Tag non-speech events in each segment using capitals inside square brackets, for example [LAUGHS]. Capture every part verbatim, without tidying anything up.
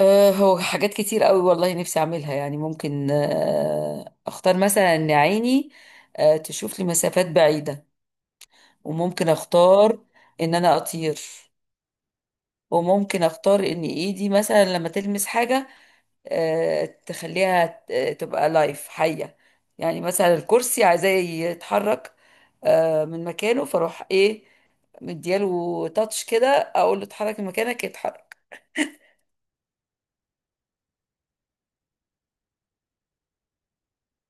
آه، هو حاجات كتير قوي، والله نفسي اعملها. يعني ممكن آه، اختار مثلا ان عيني آه، تشوف لي مسافات بعيدة. وممكن اختار ان انا اطير. وممكن اختار ان ايدي مثلا لما تلمس حاجة آه، تخليها ت- آه، تبقى لايف حية. يعني مثلا الكرسي عايزاه يتحرك آه، من مكانه، فاروح ايه، مدياله تاتش كده، اقول له اتحرك من مكانك، يتحرك.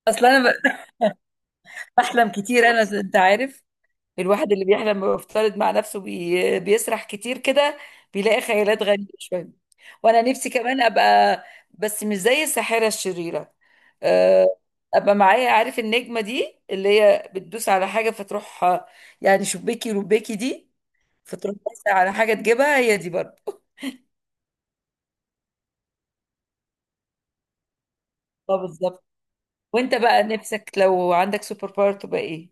اصلا انا ب- بحلم كتير، انا انت عارف، الواحد اللي بيحلم ويفترض مع نفسه، بي... بيسرح كتير كده، بيلاقي خيالات غريبة شوية. وانا نفسي كمان ابقى، بس مش زي الساحرة الشريرة. أه، ابقى معايا. عارف النجمة دي اللي هي بتدوس على حاجة فتروح آه، يعني شباكي رباكي دي، فتروح بس على حاجة تجيبها هي، دي برضه. [LAUGHS] اه، بالظبط. وانت بقى نفسك لو عندك سوبر باور تبقى ايه؟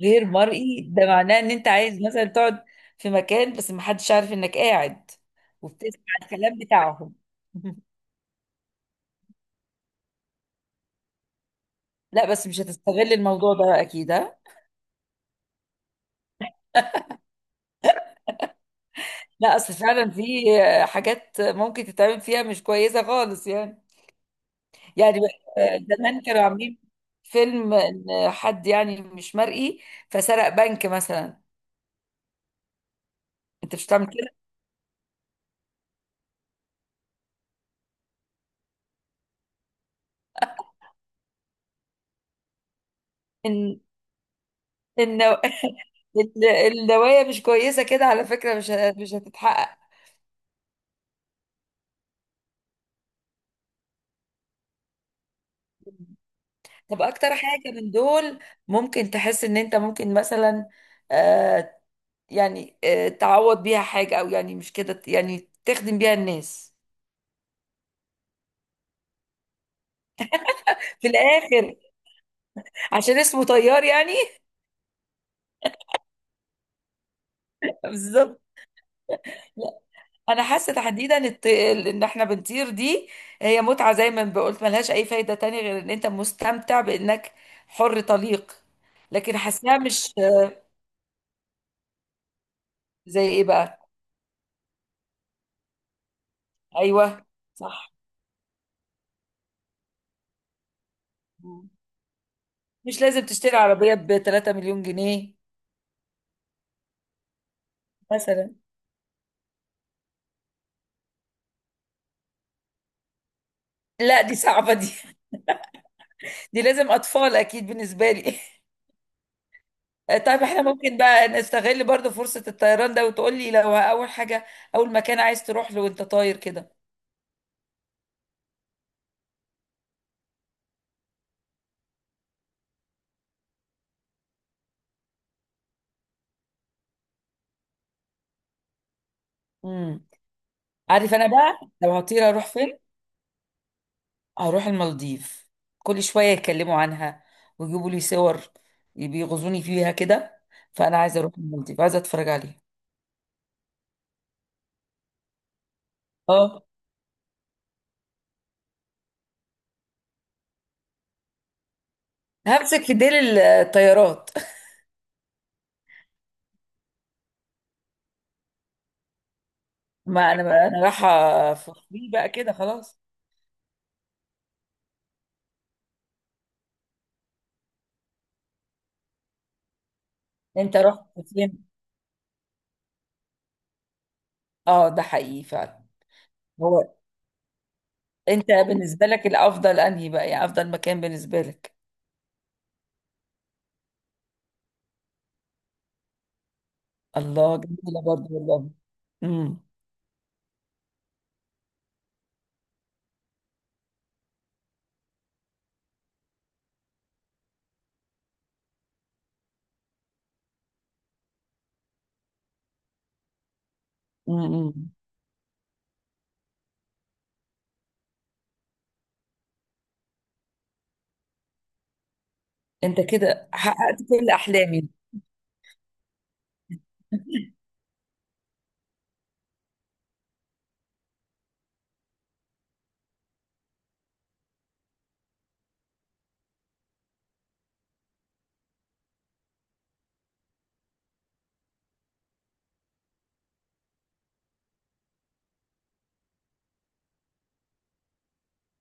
غير مرئي؟ ده معناه ان انت عايز مثلا تقعد في مكان بس محدش عارف انك قاعد، وبتسمع الكلام بتاعهم. [LAUGHS] لا، بس مش هتستغل الموضوع ده اكيد، ها؟ لا، اصل فعلا في حاجات ممكن تتعمل فيها مش كويسه خالص يعني. يعني زمان كانوا عاملين فيلم ان حد يعني مش مرئي، فسرق بنك مثلا. انت مش هتعمل كده. ان النو... [LAUGHS] النوايا مش كويسه كده على فكره، مش ه- مش هتتحقق. طب اكتر حاجة من دول ممكن تحس ان انت ممكن مثلا آه يعني آه تعوض بيها حاجة، او يعني مش كده، يعني تخدم بيها الناس في الاخر، عشان اسمه طيار يعني. [LAUGHS] بالظبط. لا، انا حاسه تحديدا الت- ال- ان احنا بنطير دي، هي متعه زي ما قلت، ملهاش اي فايده تانية غير ان انت مستمتع بانك حر طليق. لكن حاساها مش… زي ايه بقى؟ ايوه، صح، مش لازم تشتري عربيه ب ثلاثة ملايين جنيه مليون جنيه مثلا. لا، دي صعبة. دي دي لازم أطفال أكيد بالنسبة لي. [LAUGHS] طيب احنا ممكن بقى نستغل برضو فرصة الطيران ده، وتقول لي لو أول حاجة، أول مكان عايز تروح له وأنت طاير كده. امم عارف أنا بقى لو هطير أروح فين؟ هروح المالديف. كل شوية يتكلموا عنها ويجيبوا لي صور، بيغزوني فيها كده. فأنا عايزة أروح المالديف، عايزة أتفرج عليها. اه، همسك في ديل الطيارات. [LAUGHS] ما أنا أنا رايحة في فري بقى كده خلاص. أنت رحت فين؟ اه، ده حقيقي فعلا. هو انت بالنسبة لك الافضل انهي بقى، يعني افضل مكان بالنسبة لك؟ الله، جميلة برضه والله. امم، امم، إمم. انت كده حققت كل احلامي.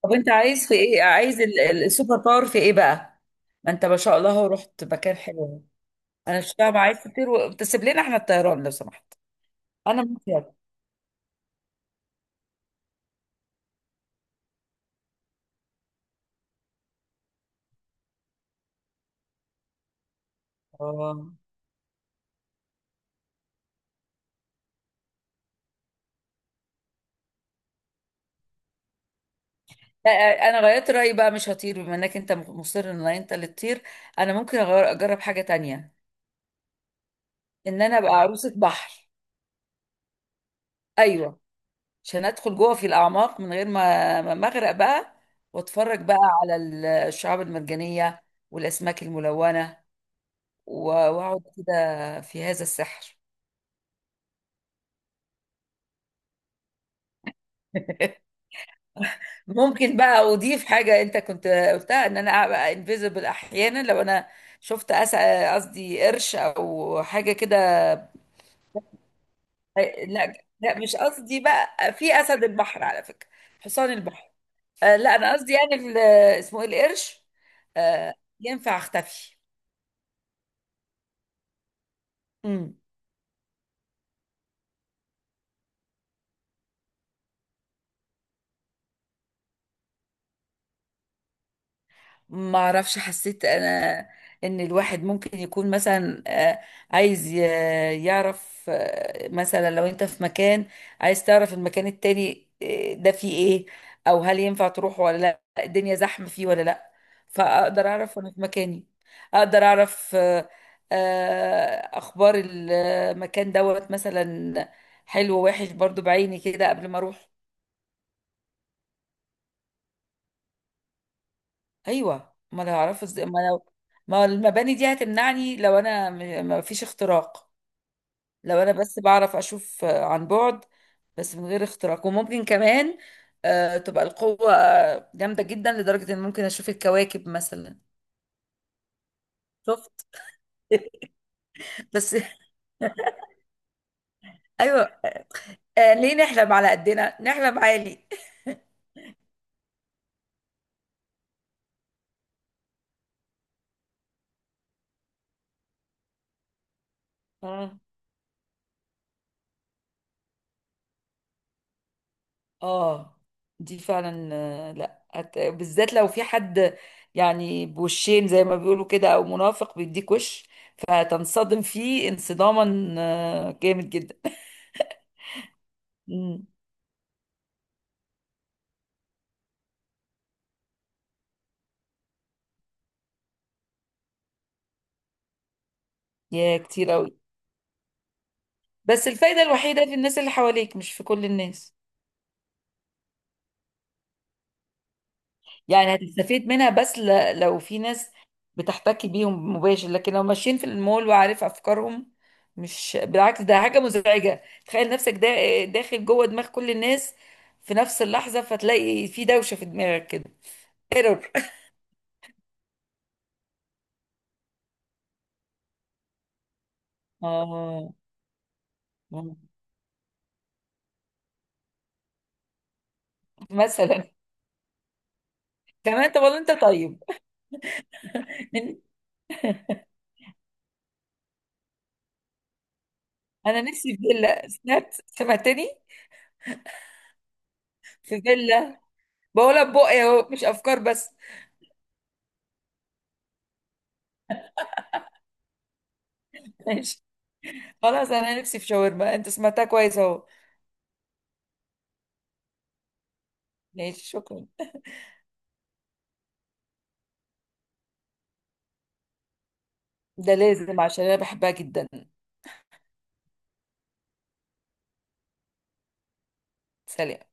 طب انت عايز في ايه، عايز ال- ال- السوبر باور في ايه بقى؟ ما انت ما شاء الله رحت مكان حلو. انا مش فاهمة، عايز تطير وتسيب لنا احنا الطيران لو سمحت. انا مش هطير. اه، لا، انا غيرت رايي بقى، مش هطير بما انك انت مصر ان انت اللي تطير. انا ممكن أغير- اجرب حاجة تانية. ان انا ابقى عروسة بحر. ايوه، عشان ادخل جوه في الاعماق من غير ما ما ما اغرق بقى، واتفرج بقى على ال- الشعاب المرجانية والاسماك الملونة، و- واقعد كده في هذا السحر. [LAUGHS] ممكن بقى اضيف حاجة انت كنت قلتها، ان انا ابقى انفيزبل احيانا لو انا شفت أس- قصدي قرش او حاجة كده. لا، لا مش قصدي بقى في اسد البحر، على فكرة حصان البحر. آه لا، انا قصدي يعني ال- اسمه ايه، القرش. آه ينفع اختفي. مم. ما اعرفش، حسيت انا ان الواحد ممكن يكون مثلا آه، عايز ي- يعرف آه، مثلا لو انت في مكان، عايز تعرف المكان التاني آه، ده فيه ايه، او هل ينفع تروح ولا لا، الدنيا زحمة فيه ولا لا. فاقدر اعرف وانا في مكاني. اقدر اعرف آه، آه، اخبار المكان دوت مثلا، حلو ووحش برضو بعيني كده قبل ما اروح. ايوه، ما انا هعرفه ازاي ما لو ما المباني دي هتمنعني لو انا م- ما فيش اختراق. لو انا بس بعرف اشوف آه، عن بعد، بس من غير اختراق. وممكن كمان آه، تبقى القوة آه، جامدة جدا لدرجة ان ممكن اشوف الكواكب مثلا. شفت؟ [LAUGHS] بس ايوه، آه، ليه نحلم على قدنا، نحلم عالي. آه. اه، دي فعلا آه، لا هت- بالذات لو في حد يعني بوشين زي ما بيقولوا كده، او منافق بيديك وش، فتنصدم فيه انصداما آه، جامد جدا. مم. [LAUGHS] يا، كتير قوي. بس الفايدة الوحيدة في الناس اللي حواليك، مش في كل الناس. يعني هتستفيد منها بس ل- لو في ناس بتحتكي بيهم مباشر، لكن لو ماشيين في المول وعارف افكارهم، مش بالعكس، ده حاجة مزعجة. تخيل نفسك دا داخل جوه دماغ كل الناس في نفس اللحظة، فتلاقي في دوشة في دماغك كده، ايرور. اه. مم. مثلا. كمان طب والله انت طيب. [LAUGHS] انا نفسي في فيلا، سمعت؟ سمعتني؟ في فيلا، بقولها ببقي اهو، مش افكار بس. ماشي، خلاص انا نفسي في شاورما، انت سمعتها كويس اهو. ماشي، شكرا. ده لازم عشان انا بحبها جدا. سلام.